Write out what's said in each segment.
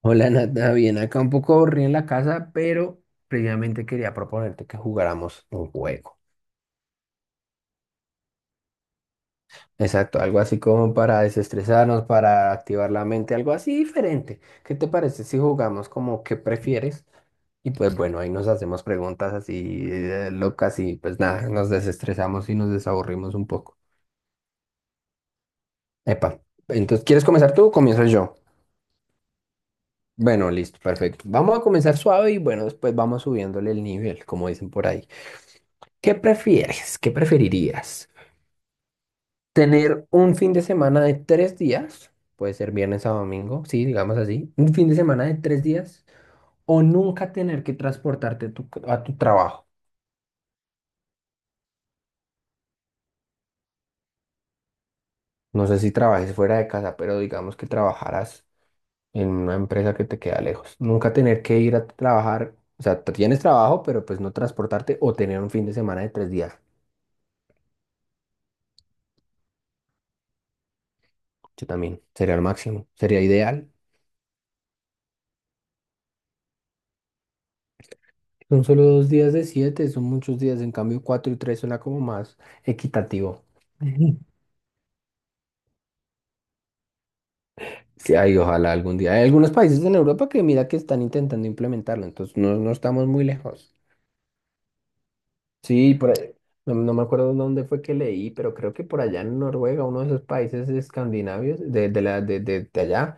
Hola Nata, bien, acá un poco aburrido en la casa, pero previamente quería proponerte que jugáramos un juego. Exacto, algo así como para desestresarnos, para activar la mente, algo así diferente. ¿Qué te parece si jugamos como qué prefieres? Y pues bueno, ahí nos hacemos preguntas así locas y pues nada, nos desestresamos y nos desaburrimos un poco. Epa, entonces, ¿quieres comenzar tú o comienzo yo? Bueno, listo, perfecto. Vamos a comenzar suave y bueno, después vamos subiéndole el nivel, como dicen por ahí. ¿Qué prefieres? ¿Qué preferirías? ¿Tener un fin de semana de tres días? Puede ser viernes a domingo, sí, digamos así. Un fin de semana de tres días. O nunca tener que transportarte a tu trabajo. No sé si trabajes fuera de casa, pero digamos que trabajaras en una empresa que te queda lejos. Nunca tener que ir a trabajar. O sea, tienes trabajo, pero pues no transportarte o tener un fin de semana de tres días. Yo también. Sería el máximo. Sería ideal. Son solo dos días de siete, son muchos días. En cambio, cuatro y tres suena como más equitativo. Ujú. Sí, ay, ojalá algún día. Hay algunos países en Europa que mira que están intentando implementarlo, entonces no estamos muy lejos. Sí, No, no me acuerdo dónde fue que leí, pero creo que por allá en Noruega, uno de esos países escandinavios, de, la, de allá,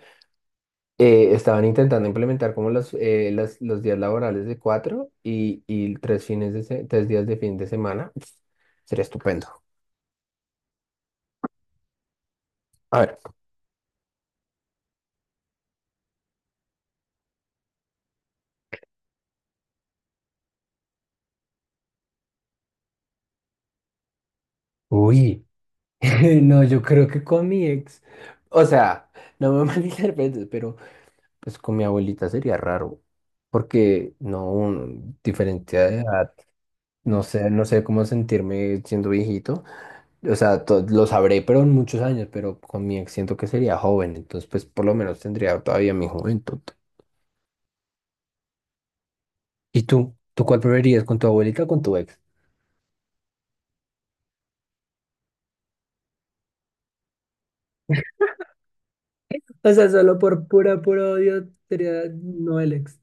estaban intentando implementar como los días laborales de cuatro y tres tres días de fin de semana. Pf, sería estupendo. A ver. Uy. No, yo creo que con mi ex, o sea, no me malinterpretes, pero pues con mi abuelita sería raro, porque no, un- diferencia de edad, no sé cómo sentirme siendo viejito, o sea, lo sabré, pero en muchos años, pero con mi ex siento que sería joven, entonces pues por lo menos tendría todavía mi juventud. ¿Y tú? ¿Tú cuál preferirías, con tu abuelita o con tu ex? O sea, solo por puro odio sería no el ex.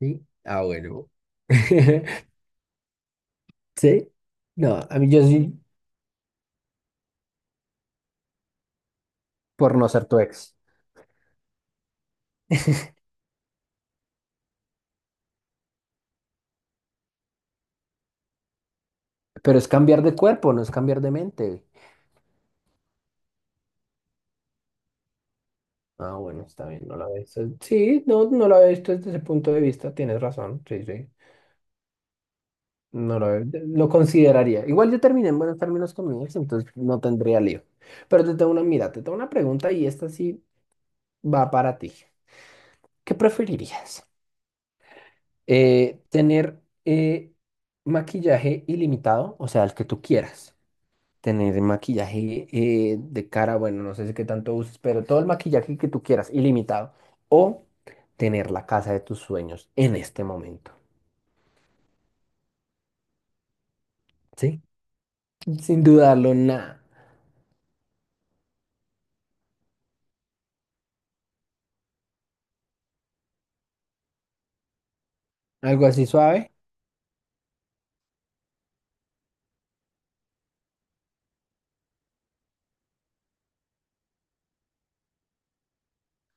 Sí. Ah, bueno. ¿Sí? No, a mí yo sí, por no ser tu ex. Pero es cambiar de cuerpo, no es cambiar de mente. Ah, bueno, está bien, no lo había visto. Sí, no lo había visto desde ese punto de vista, tienes razón, sí. No lo, había- Lo consideraría. Igual yo terminé en buenos términos con mi ex, entonces no tendría lío. Pero te tengo te tengo una pregunta y esta sí va para ti. ¿Qué preferirías? ¿Tener maquillaje ilimitado, o sea, el que tú quieras? Tener maquillaje de cara, bueno, no sé si qué tanto uses, pero todo el maquillaje que tú quieras, ilimitado, o tener la casa de tus sueños en este momento, ¿sí? Sin dudarlo, nada. Algo así suave.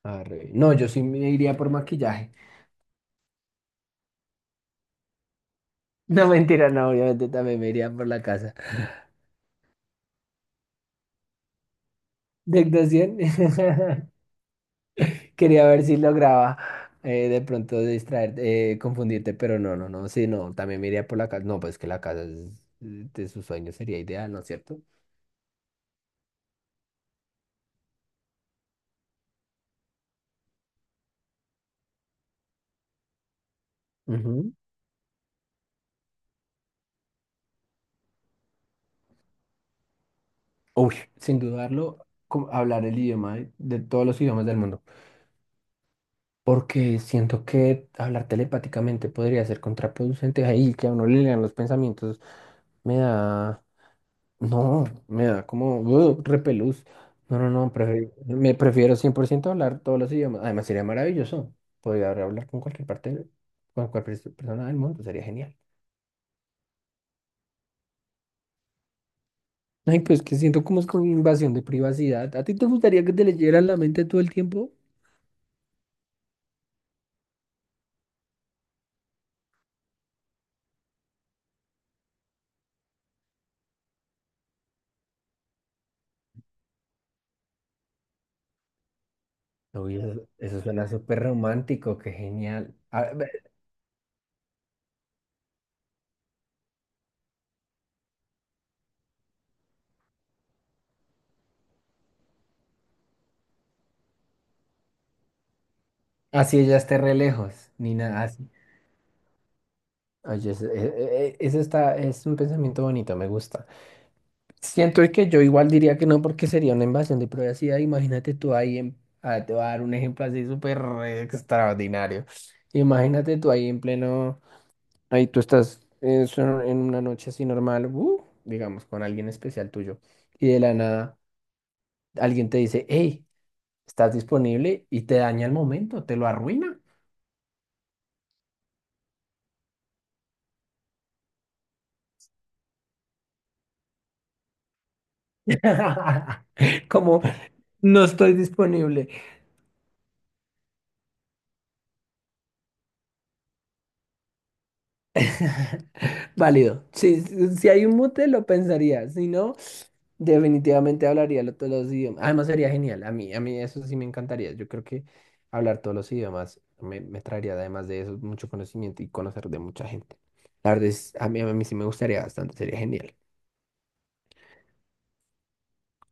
Arre. No, yo sí me iría por maquillaje. No, mentira, no, obviamente también me iría por la casa. De actuación, quería ver si lograba de pronto distraer, confundirte, pero no, sí, no, también me iría por la casa. No, pues que de sus sueños sería ideal, ¿no es cierto? Ujú. Uy, sin dudarlo, como hablar el idioma de todos los idiomas del mundo, porque siento que hablar telepáticamente podría ser contraproducente ahí, que a uno le lean los pensamientos, me da, no, me da como repelús. No, no, no, prefe- Me prefiero 100% hablar todos los idiomas. Además, sería maravilloso. Podría hablar con con cualquier persona del mundo, sería genial. Ay, pues que siento como es con invasión de privacidad. ¿A ti te gustaría que te leyeran la mente todo el tiempo? Uy, eso suena súper romántico, qué genial. Así ella esté re lejos, ni nada así. Oye, eso, e- e- e- eso es un pensamiento bonito, me gusta. Siento que yo igual diría que no, porque sería una invasión de privacidad. Imagínate tú ahí, te voy a dar un ejemplo así súper extraordinario. Imagínate tú ahí en pleno, ahí tú estás en una noche así normal, digamos, con alguien especial tuyo, y de la nada alguien te dice, hey, estás disponible y te daña el momento, te lo arruina. Como no estoy disponible. Válido. Sí, si hay un mute, lo pensaría. Si no, definitivamente todos los idiomas. Además, sería genial. A mí eso sí me encantaría. Yo creo que hablar todos los idiomas me traería, además de eso, mucho conocimiento y conocer de mucha gente. La verdad es, a mí sí me gustaría bastante. Sería genial.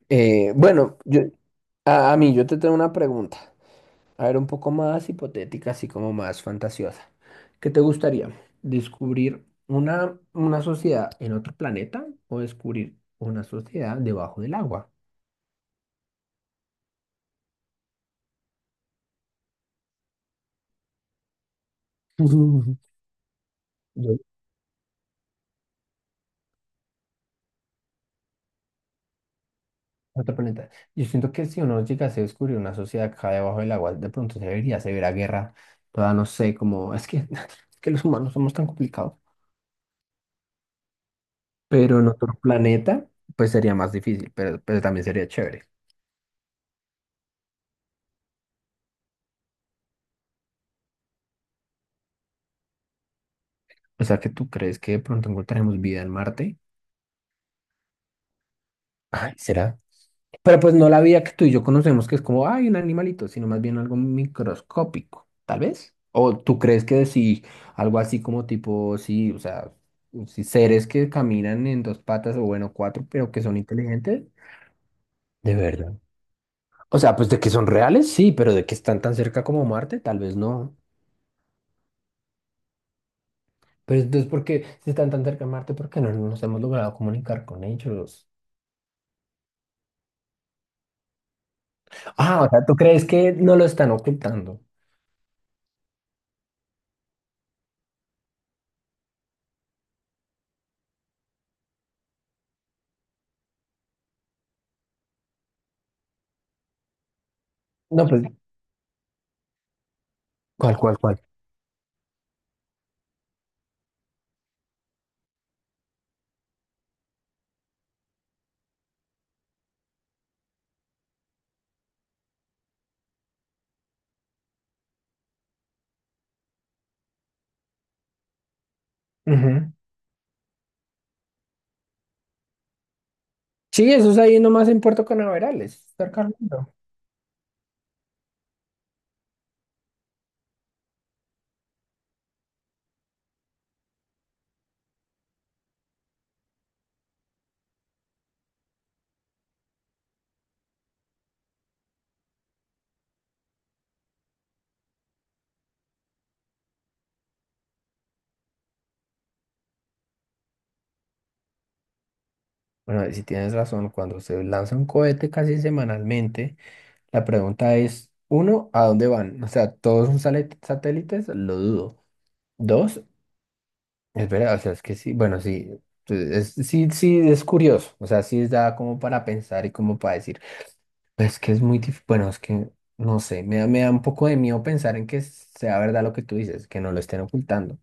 Eh, bueno, yo, a, yo te tengo una pregunta. A ver, un poco más hipotética, así como más fantasiosa. ¿Qué te gustaría? ¿Descubrir una sociedad en otro planeta o descubrir una sociedad debajo del agua? Yo- Otro planeta. Yo siento que si uno llegase a descubrir una sociedad acá debajo del agua, de pronto se vería severa guerra. Toda no sé, como es que, es que los humanos somos tan complicados. Pero en otro planeta, pues sería más difícil, pero también sería chévere. O sea, que tú crees que de pronto encontraremos vida en Marte. Ay, ¿será? Pero pues no la vida que tú y yo conocemos, que es como, ay, un animalito, sino más bien algo microscópico, tal vez. ¿O tú crees que sí, algo así como tipo, sí, o sea, sí, seres que caminan en dos patas o bueno, cuatro, pero que son inteligentes? De verdad. O sea, pues de que son reales, sí, pero de que están tan cerca como Marte, tal vez no. Pero entonces, ¿por qué si están tan cerca de Marte? ¿Por qué no nos hemos logrado comunicar con ellos? Ah, o sea, ¿tú crees que no lo están ocultando? No, pues, ¿cuál, cuál, cuál? Ujú. Sí, eso es ahí nomás en Puerto Canaveral, es cerca al mundo. Bueno, si tienes razón, cuando se lanza un cohete casi semanalmente, la pregunta es, uno, ¿a dónde van? O sea, ¿todos son satélites? Lo dudo. Dos, es verdad, o sea, es que sí, bueno, sí, pues, es, sí, sí, es curioso, o sea, sí da como para pensar y como para decir, pues que es muy difícil, bueno, es que, no sé, me da un poco de miedo pensar en que sea verdad lo que tú dices, que no lo estén ocultando.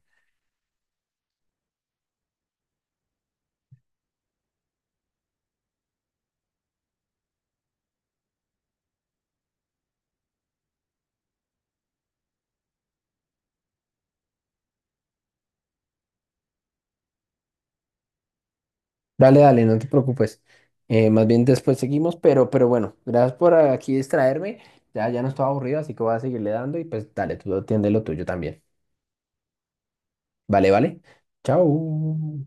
Dale, no te preocupes. Más bien después seguimos, pero bueno, gracias por aquí distraerme. Ya no estaba aburrido, así que voy a seguirle dando y pues dale, tú atiende lo tuyo también. Vale. Chao.